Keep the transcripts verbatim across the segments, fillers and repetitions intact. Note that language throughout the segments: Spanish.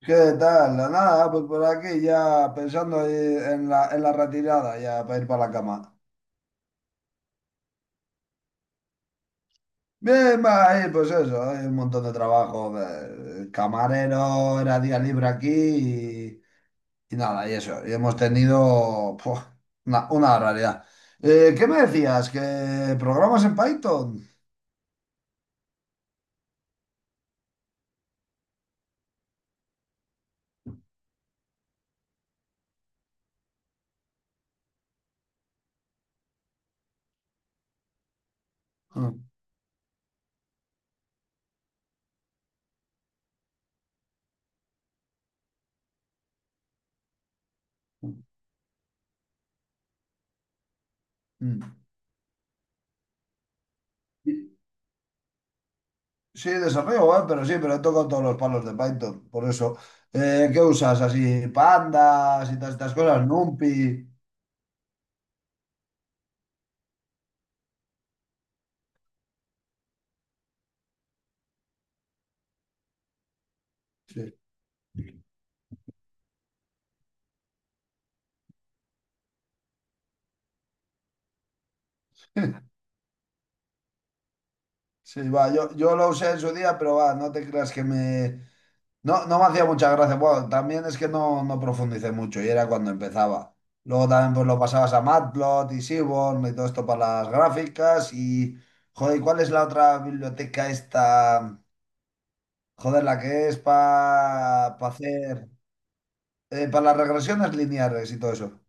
¿Qué tal? Nada, pues por aquí ya pensando eh, en la, en la retirada, ya para ir para la cama. Bien, va, ahí, pues eso, hay un montón de trabajo. eh, Camarero, era día libre aquí y, y nada, y eso. Y hemos tenido puf, una, una barbaridad. Eh, ¿qué me decías? ¿Que programas en Python? Mm, mm. Sí, sí, desarrollo, eh, pero sí, pero he tocado todos los palos de Python, por eso. Eh, ¿qué usas? Así, pandas y todas estas cosas, NumPy. Sí. Sí, va, yo, yo lo usé en su día, pero va, no te creas que me... No, no me hacía mucha gracia. Bueno, también es que no, no profundicé mucho y era cuando empezaba. Luego también pues lo pasabas a Matplot y Seaborn y todo esto para las gráficas y... Joder, ¿y cuál es la otra biblioteca esta? Joder, la que es para hacer... eh, Para las regresiones lineares y todo eso.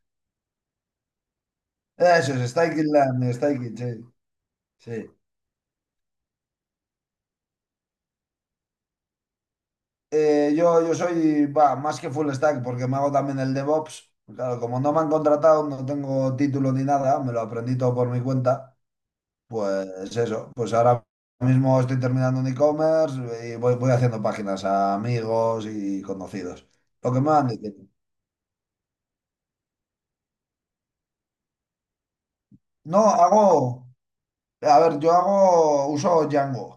Eso es, Stykins Land, Stykins, sí. Sí. Eh, yo, yo soy bah, más que full stack porque me hago también el DevOps. Claro, como no me han contratado, no tengo título ni nada, me lo aprendí todo por mi cuenta. Pues eso, pues ahora mismo estoy terminando un e-commerce y voy, voy haciendo páginas a amigos y conocidos. Lo que me van diciendo. No, hago, a ver, yo hago, uso Django.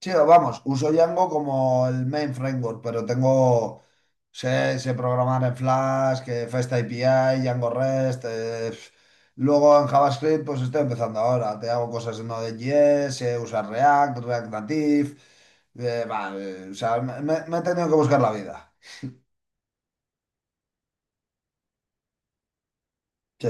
Sí, vamos, uso Django como el main framework, pero tengo, sé, sé programar en Flask, eh, FastAPI Django REST. Eh, pf. Luego en JavaScript, pues estoy empezando ahora. Te hago cosas en Node.js, sé usar React, React Native. Eh, va, eh, o sea, me, me- me he tenido que buscar la vida. Sí.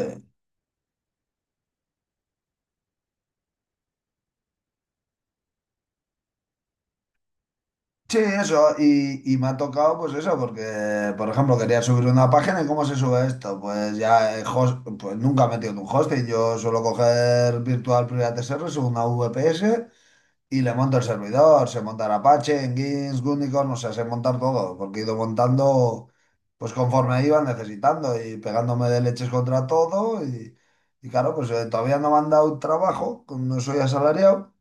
Sí, eso, y, y me ha tocado pues eso, porque por ejemplo quería subir una página y ¿cómo se sube esto? Pues ya, eh, host- pues nunca he metido en un hosting, yo suelo coger Virtual Private Service, una V P S y le monto el servidor, se monta en Apache, en Gins, Unicorn, o sea, sé montar todo, porque he ido montando pues conforme iba necesitando y pegándome de leches contra todo y, y claro, pues eh, todavía no me han dado trabajo, no soy asalariado.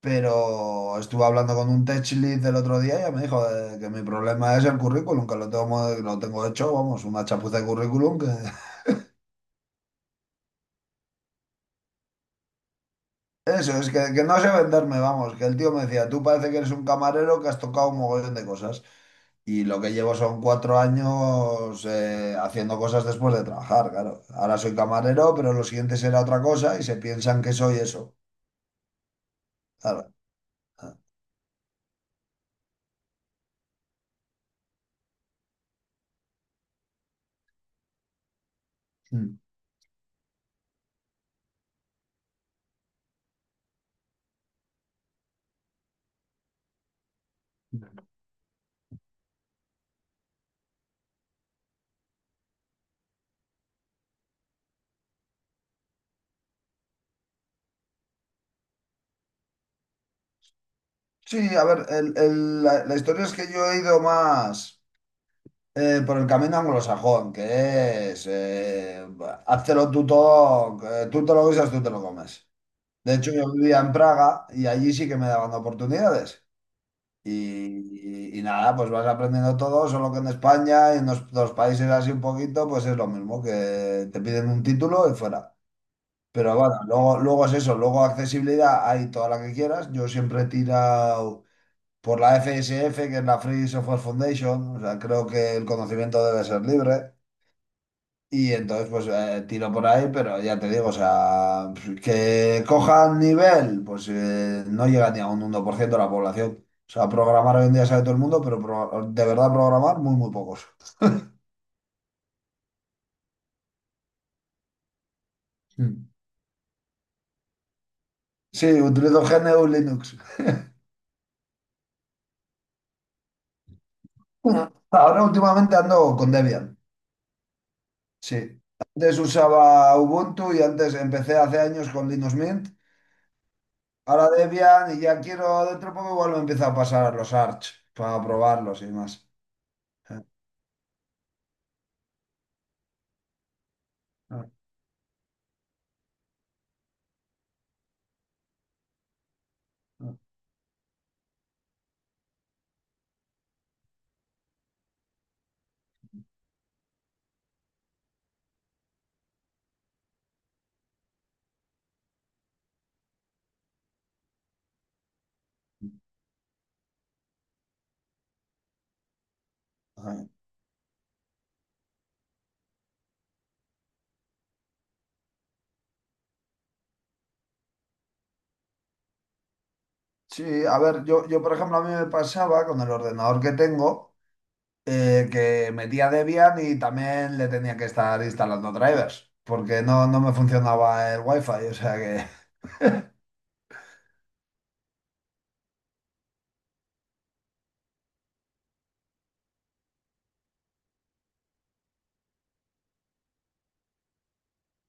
Pero estuve hablando con un tech lead el otro día y ya me dijo eh, que mi problema es el currículum, que lo tengo, mo- lo tengo hecho, vamos, una chapuza de currículum. Que... Eso, es que, que no sé venderme, vamos, que el tío me decía, tú parece que eres un camarero que has tocado un mogollón de cosas. Y lo que llevo son cuatro años eh, haciendo cosas después de trabajar, claro. Ahora soy camarero, pero lo siguiente será otra cosa y se piensan que soy eso. Claro. Mm. Sí, a ver, el- el- la la historia es que yo he ido más. Eh, por el camino anglosajón, que es, eh, háztelo tú todo, eh, tú te lo guisas, tú te lo comes. De hecho, yo vivía en Praga y allí sí que me daban oportunidades. Y, y- y nada, pues vas aprendiendo todo, solo que en España y en los, los países así un poquito, pues es lo mismo, que te piden un título y fuera. Pero bueno, luego, luego es eso, luego accesibilidad hay toda la que quieras. Yo siempre he tirado por la F S F, que es la Free Software Foundation, o sea, creo que el conocimiento debe ser libre. Y entonces, pues eh, tiro por ahí, pero ya te digo, o sea, que cojan nivel, pues eh, no llega ni a un uno por ciento de la población. O sea, programar hoy en día sabe todo el mundo, pero pro- de verdad programar, muy, muy pocos. Mm. Sí, utilizo G N U Linux. Ujú. Ahora últimamente ando con Debian. Sí. Antes usaba Ubuntu y antes empecé hace años con Linux Mint. Ahora Debian y ya quiero dentro de poco igual me empiezo a pasar a los Arch para probarlos y más. Ah, ah, ah. Sí, a ver, yo, yo por ejemplo a mí me pasaba con el ordenador que tengo eh, que metía Debian y también le tenía que estar instalando drivers porque no, no me funcionaba el wifi, o sea que...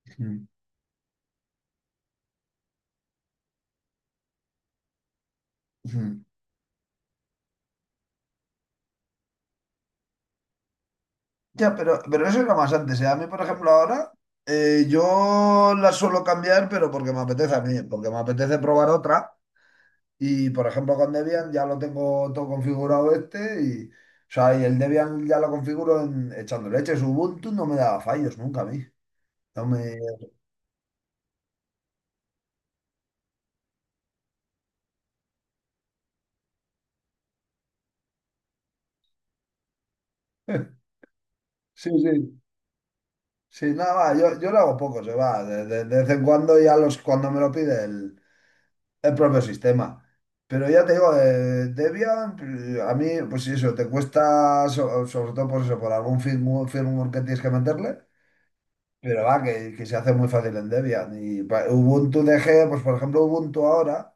Mm, mm. Ya, pero, pero eso era más antes, ¿eh? A mí por ejemplo ahora eh, yo la suelo cambiar pero porque me apetece a mí, porque me apetece probar otra y por ejemplo con Debian ya lo tengo todo configurado este y... O sea, y el Debian ya lo configuro en, echando leches. Ubuntu no me daba fallos nunca a mí. No me... Sí, sí, sí, nada, va, yo, yo lo hago poco, se va, de, de- de vez en cuando ya los, cuando me lo pide el, el propio sistema. Pero ya te digo, eh, Debian, eh, a mí, pues sí, eso, te cuesta, so- sobre todo por eso, por algún firmware, firmware que tienes que meterle, pero va, que, que se hace muy fácil en Debian. Y pa- Ubuntu D G, pues por ejemplo, Ubuntu ahora.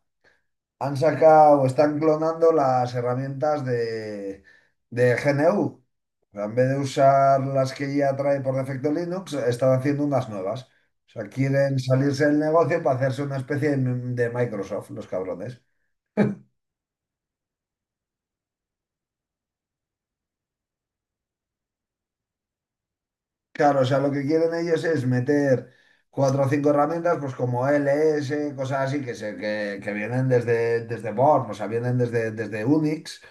Han sacado, están clonando las herramientas de, de G N U. En vez de usar las que ya trae por defecto Linux, están haciendo unas nuevas. O sea, quieren salirse del negocio para hacerse una especie de, de Microsoft, los cabrones. Claro, o sea, lo que quieren ellos es meter cuatro o cinco herramientas, pues como L S, cosas así, que, se, que, que vienen desde, desde Born, o sea, vienen desde, desde Unix.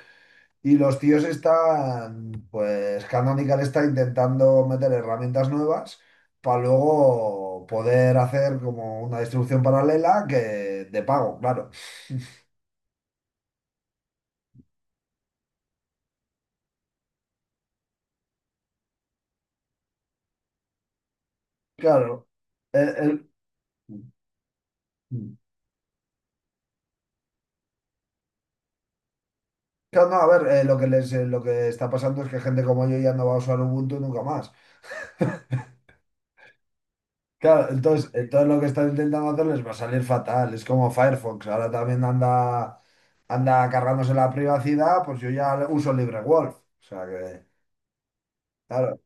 Y los tíos están, pues Canonical está intentando meter herramientas nuevas para luego poder hacer como una distribución paralela que de pago, claro. Claro. el- el- claro, no, a ver, eh, lo que les, eh, lo que está pasando es que gente como yo ya no va a usar Ubuntu nunca más. Claro, entonces, entonces lo que están intentando hacer les va a salir fatal. Es como Firefox, ahora también anda, anda cargándose la privacidad, pues yo ya uso LibreWolf. O sea que... Claro,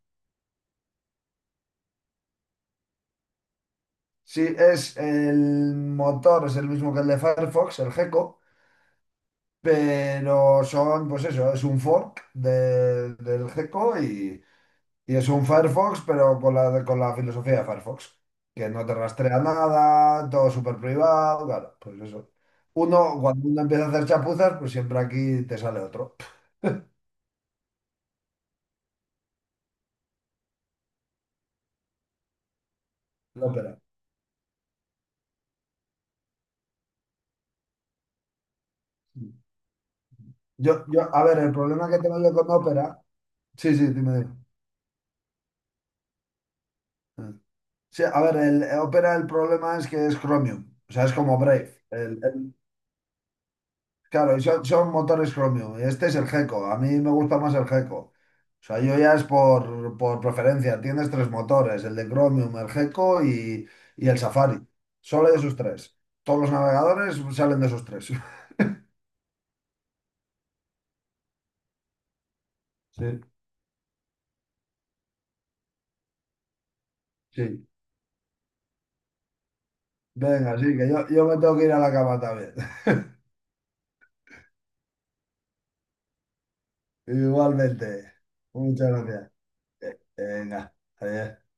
sí, es el motor, es el mismo que el de Firefox, el Gecko, pero son, pues eso, es un fork de- del Gecko y, y es un Firefox, pero con la, con la filosofía de Firefox, que no te rastrea nada, todo súper privado, claro, pues eso. Uno, cuando uno empieza a hacer chapuzas, pues siempre aquí te sale otro, la Opera. Yo, yo, a ver, el problema que tengo yo con Opera, sí, sí, dime, dime. Sí, a ver, el, el Opera el problema es que es Chromium, o sea, es como Brave. El- el- claro, y son, son motores Chromium. Y este es el Gecko, a mí me gusta más el Gecko. O sea, yo ya es por, por preferencia, tienes tres motores, el de Chromium, el Gecko y, y el Safari. Solo de esos tres. Todos los navegadores salen de esos tres. Sí, sí. Venga, sí, que yo, yo me tengo que ir a la cama también. Igualmente. Muchas gracias. Eh, Venga, adiós.